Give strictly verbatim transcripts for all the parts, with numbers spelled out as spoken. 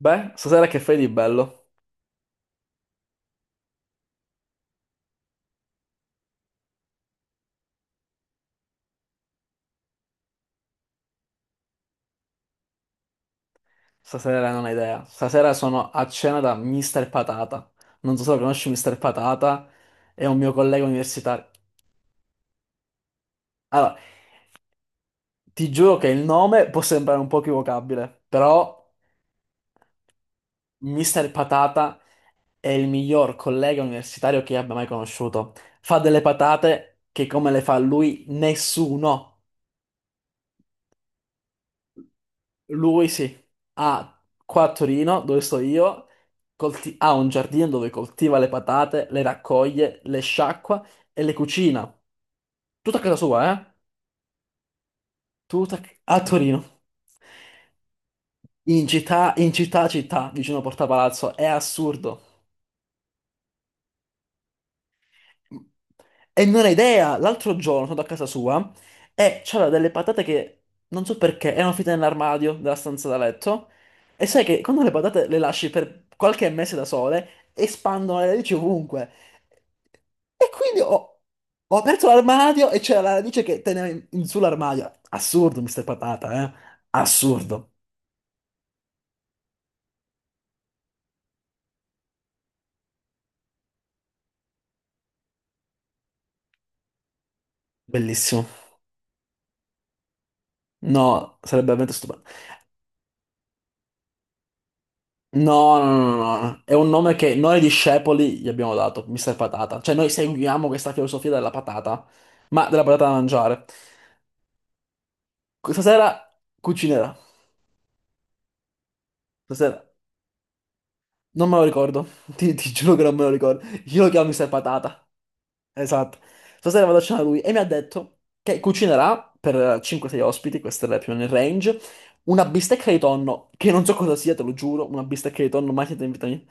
Beh, stasera che fai di bello? Stasera non hai idea. Stasera sono a cena da mister Patata. Non so se lo conosci mister Patata, è un mio collega universitario. Allora, ti giuro che il nome può sembrare un po' equivocabile, però mister Patata è il miglior collega universitario che io abbia mai conosciuto. Fa delle patate che come le fa lui nessuno. Lui sì, ha qua a Torino, dove sto io, colti- ha un giardino dove coltiva le patate, le raccoglie, le sciacqua e le cucina. Tutto a casa sua, eh? Tutto a, a Torino. In città, in città, città, vicino a Porta Palazzo. È assurdo. E non ho idea, l'altro giorno sono andato a casa sua e c'aveva delle patate che non so perché erano finite nell'armadio della stanza da letto. E sai che quando le patate le lasci per qualche mese da sole, espandono le radici ovunque. E quindi ho, ho aperto l'armadio e c'era la radice che teneva in, in sull'armadio. Assurdo, mister Patata, eh? Assurdo. Bellissimo. No, sarebbe veramente stupendo. No, no, no, no, no. È un nome che noi discepoli gli abbiamo dato, mister Patata. Cioè, noi seguiamo questa filosofia della patata, ma della patata da mangiare. Stasera cucinerà. Stasera. Non me lo ricordo. Ti, ti giuro che non me lo ricordo. Io lo chiamo mister Patata. Esatto. Stasera vado a cena da lui e mi ha detto che cucinerà per cinque o sei ospiti, questa è la più nel range, una bistecca di tonno, che non so cosa sia, te lo giuro, una bistecca di tonno mai sentita in vita mia.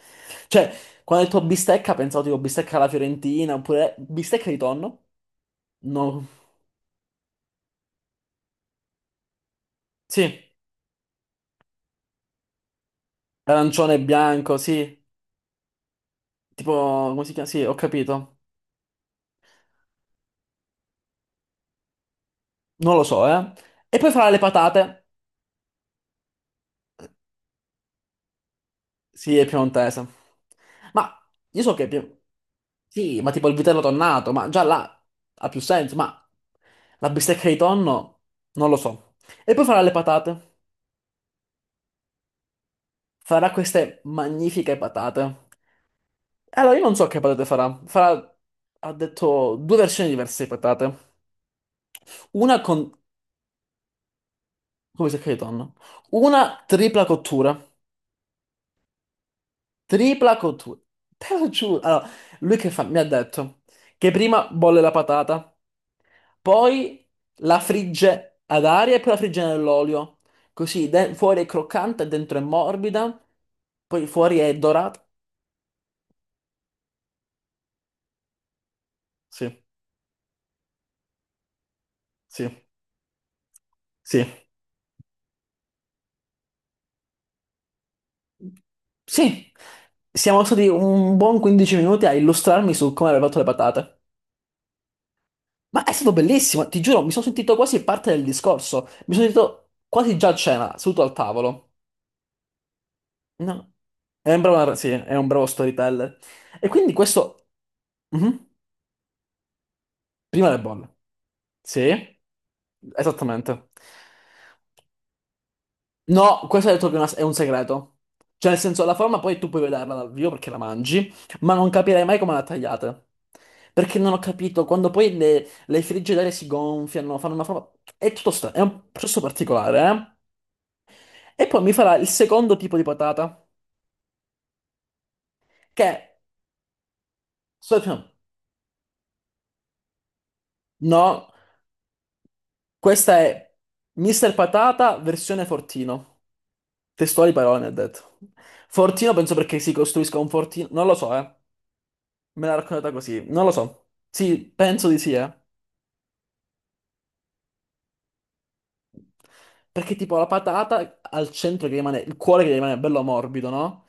Cioè, quando ho detto bistecca, pensavo tipo bistecca alla Fiorentina, oppure bistecca di tonno? No. Sì, arancione e bianco, sì. Tipo, come si chiama? Sì, ho capito. Non lo so, eh. E poi farà le patate? Sì, è piemontese. Ma io so che... è pie- Sì, ma tipo il vitello tonnato, ma già là ha più senso, ma la bistecca di tonno non lo so. E poi farà le patate. Farà queste magnifiche patate. Allora, io non so che patate farà. Farà, ha detto, due versioni diverse di patate. Una con, come si chiama di tonno? Una tripla cottura. Tripla cottura. Te lo giuro. Allora, lui che fa? Mi ha detto che prima bolle la patata, poi la frigge ad aria e poi la frigge nell'olio. Così, de- fuori è croccante, dentro è morbida, poi fuori è dorata. Sì, sì, sì. Sì, siamo stati un buon quindici minuti a illustrarmi su come avrei fatto le patate. Ma è stato bellissimo, ti giuro, mi sono sentito quasi parte del discorso. Mi sono sentito quasi già a cena, seduto al tavolo. No, è un bravo, narra- sì, è un bravo storyteller. E quindi questo... Mhm. Prima le bolle. Sì, esattamente. No, questo ho detto che è, una- è un segreto. Cioè, nel senso, la forma poi tu puoi vederla dal vivo perché la mangi, ma non capirei mai come la tagliate. Perché non ho capito, quando poi le, le frigge d'aria si gonfiano, fanno una forma. È tutto strano, è un processo particolare, eh? E poi mi farà il secondo tipo di patata, che è... so- No, no, questa è Mister Patata versione fortino. Testuali parole, ne ha detto. Fortino penso perché si costruisca un fortino, non lo so, eh. Me l'ha raccontata così, non lo so. Sì, penso di sì, eh. Perché tipo la patata al centro che rimane, il cuore che rimane bello morbido, no?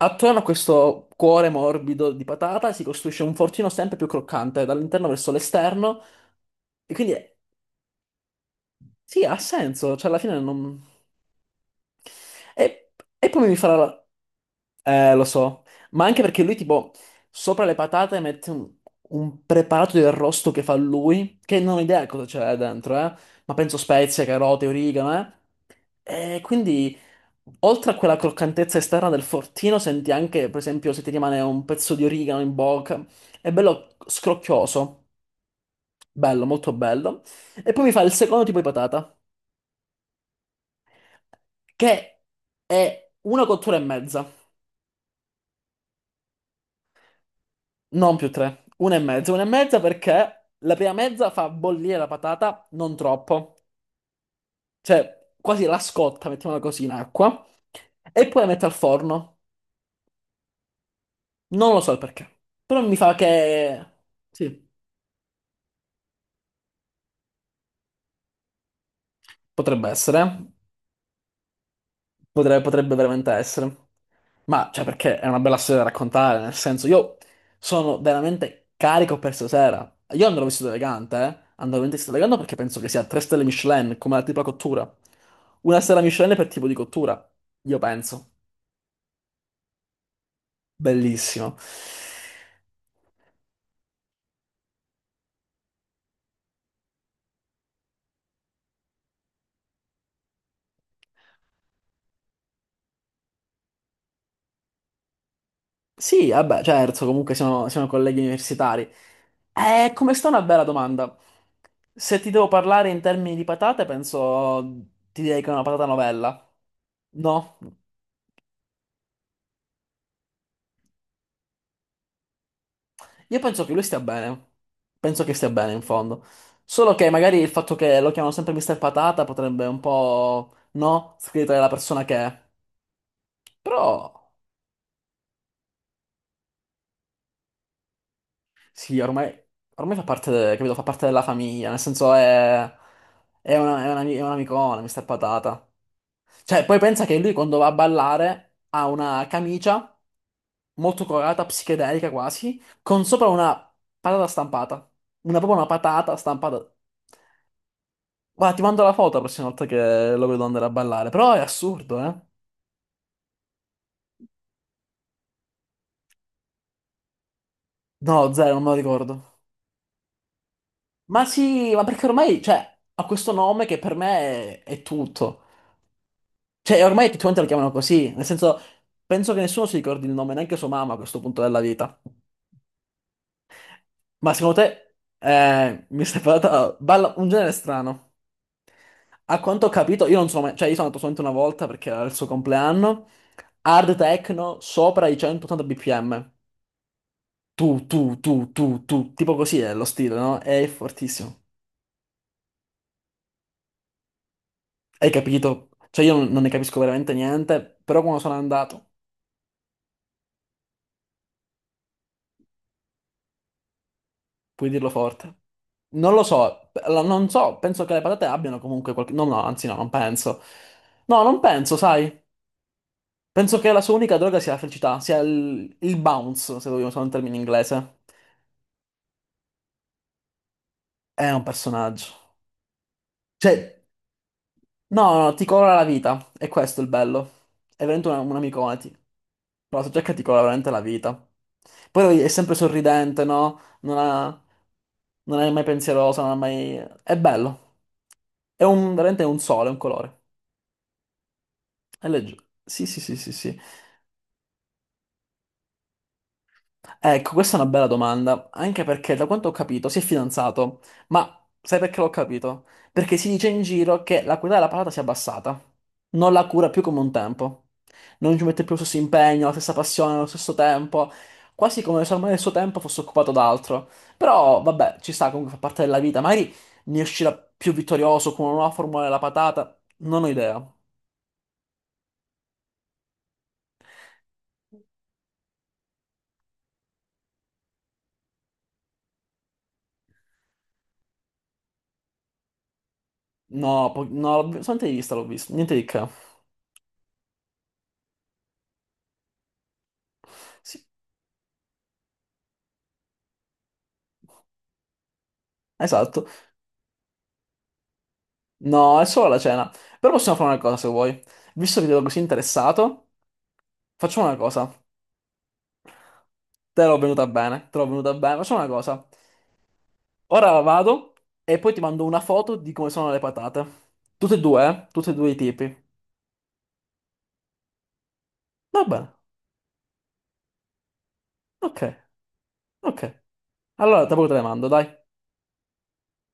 Attorno a questo cuore morbido di patata si costruisce un fortino sempre più croccante, dall'interno verso l'esterno. E quindi, eh, sì, ha senso, cioè alla fine non... E, e poi mi farà... la- Eh, lo so, ma anche perché lui tipo sopra le patate mette un, un preparato di arrosto che fa lui, che non ho idea cosa c'è dentro, eh, ma penso spezie, carote, origano, eh. E quindi oltre a quella croccantezza esterna del fortino senti anche, per esempio, se ti rimane un pezzo di origano in bocca, è bello scrocchioso, bello, molto bello. E poi mi fa il secondo tipo di patata, che è una cottura e mezza. Non più tre, una e mezza, una e mezza perché la prima mezza fa bollire la patata, non troppo, cioè quasi la scotta, mettiamola così, in acqua, e poi la metto al forno. Non lo so il perché, però mi fa che. Sì, potrebbe essere, eh. Potre- potrebbe veramente essere. Ma, cioè, perché è una bella storia da raccontare, nel senso, io sono veramente carico per stasera. Io andrò vestito elegante, eh. Andrò veramente vestito elegante perché penso che sia tre stelle Michelin, come la tipa cottura. Una stella Michelin per tipo di cottura, io penso. Bellissimo. Sì, vabbè, certo, comunque siamo, siamo colleghi universitari. Eh, come sta, una bella domanda. Se ti devo parlare in termini di patate, penso ti direi che è una patata novella. No? Io penso che lui stia bene. Penso che stia bene, in fondo. Solo che magari il fatto che lo chiamano sempre mister Patata potrebbe un po', no, scrivere la persona che è. Però. Sì, ormai, ormai fa parte, de- capito, fa parte della famiglia, nel senso è, è una, è una, è un'amicona, mister Patata. Cioè, poi pensa che lui quando va a ballare ha una camicia molto colorata, psichedelica quasi, con sopra una patata stampata. Una, proprio una patata stampata. Guarda, ti mando la foto la prossima volta che lo vedo andare a ballare, però è assurdo, eh? No, zero, non me lo ricordo. Ma sì, ma perché ormai, cioè, ha questo nome che per me è, è tutto. Cioè, ormai effettivamente la chiamano così, nel senso, penso che nessuno si ricordi il nome, neanche sua mamma a questo punto della vita. Ma secondo te, eh, mi stai parlando, balla un genere strano. A quanto ho capito, io non sono mai, cioè io sono andato solamente una volta perché era il suo compleanno, hard techno sopra i centottanta bpm. Tu, tu, tu, tu, tu, tipo così è lo stile, no? È fortissimo. Hai capito? Cioè io non non ne capisco veramente niente, però quando sono andato. Puoi dirlo forte. Non lo so, la- non so, penso che le patate abbiano comunque qualche. No, no, anzi no, non penso. No, non penso, sai. Penso che la sua unica droga sia la felicità, sia il, il bounce, se vogliamo usare un termine inglese. È un personaggio. Cioè, no, no, no, ti colora la vita. È questo è il bello. È veramente una, un'amicona. Ti. Però la giacca ti colora veramente la vita. Poi lui è sempre sorridente, no? Non ha- non è mai pensieroso, non è mai. È bello. È un, veramente un sole, un colore. È leggero. Sì, sì, sì, sì, sì. Ecco, questa è una bella domanda, anche perché da quanto ho capito si è fidanzato, ma sai perché l'ho capito? Perché si dice in giro che la qualità della patata si è abbassata, non la cura più come un tempo, non ci mette più lo stesso impegno, la stessa passione, lo stesso tempo, quasi come se ormai il suo tempo fosse occupato da altro. Però vabbè, ci sta, comunque fa parte della vita, magari ne uscirà più vittorioso con una nuova formula della patata, non ho idea. No, po- no, l'ho vi- solamente di vista l'ho visto, niente di che. Sì, esatto. No, è solo la cena. Però possiamo fare una cosa se vuoi. Visto che ti vedo così interessato, facciamo una cosa. Te l'ho venuta bene, te l'ho venuta bene. Facciamo una cosa. Ora vado e poi ti mando una foto di come sono le patate. Tutte e due, eh? Tutti e due i tipi. Va bene. Ok, ok. Allora, dopo te le mando, dai.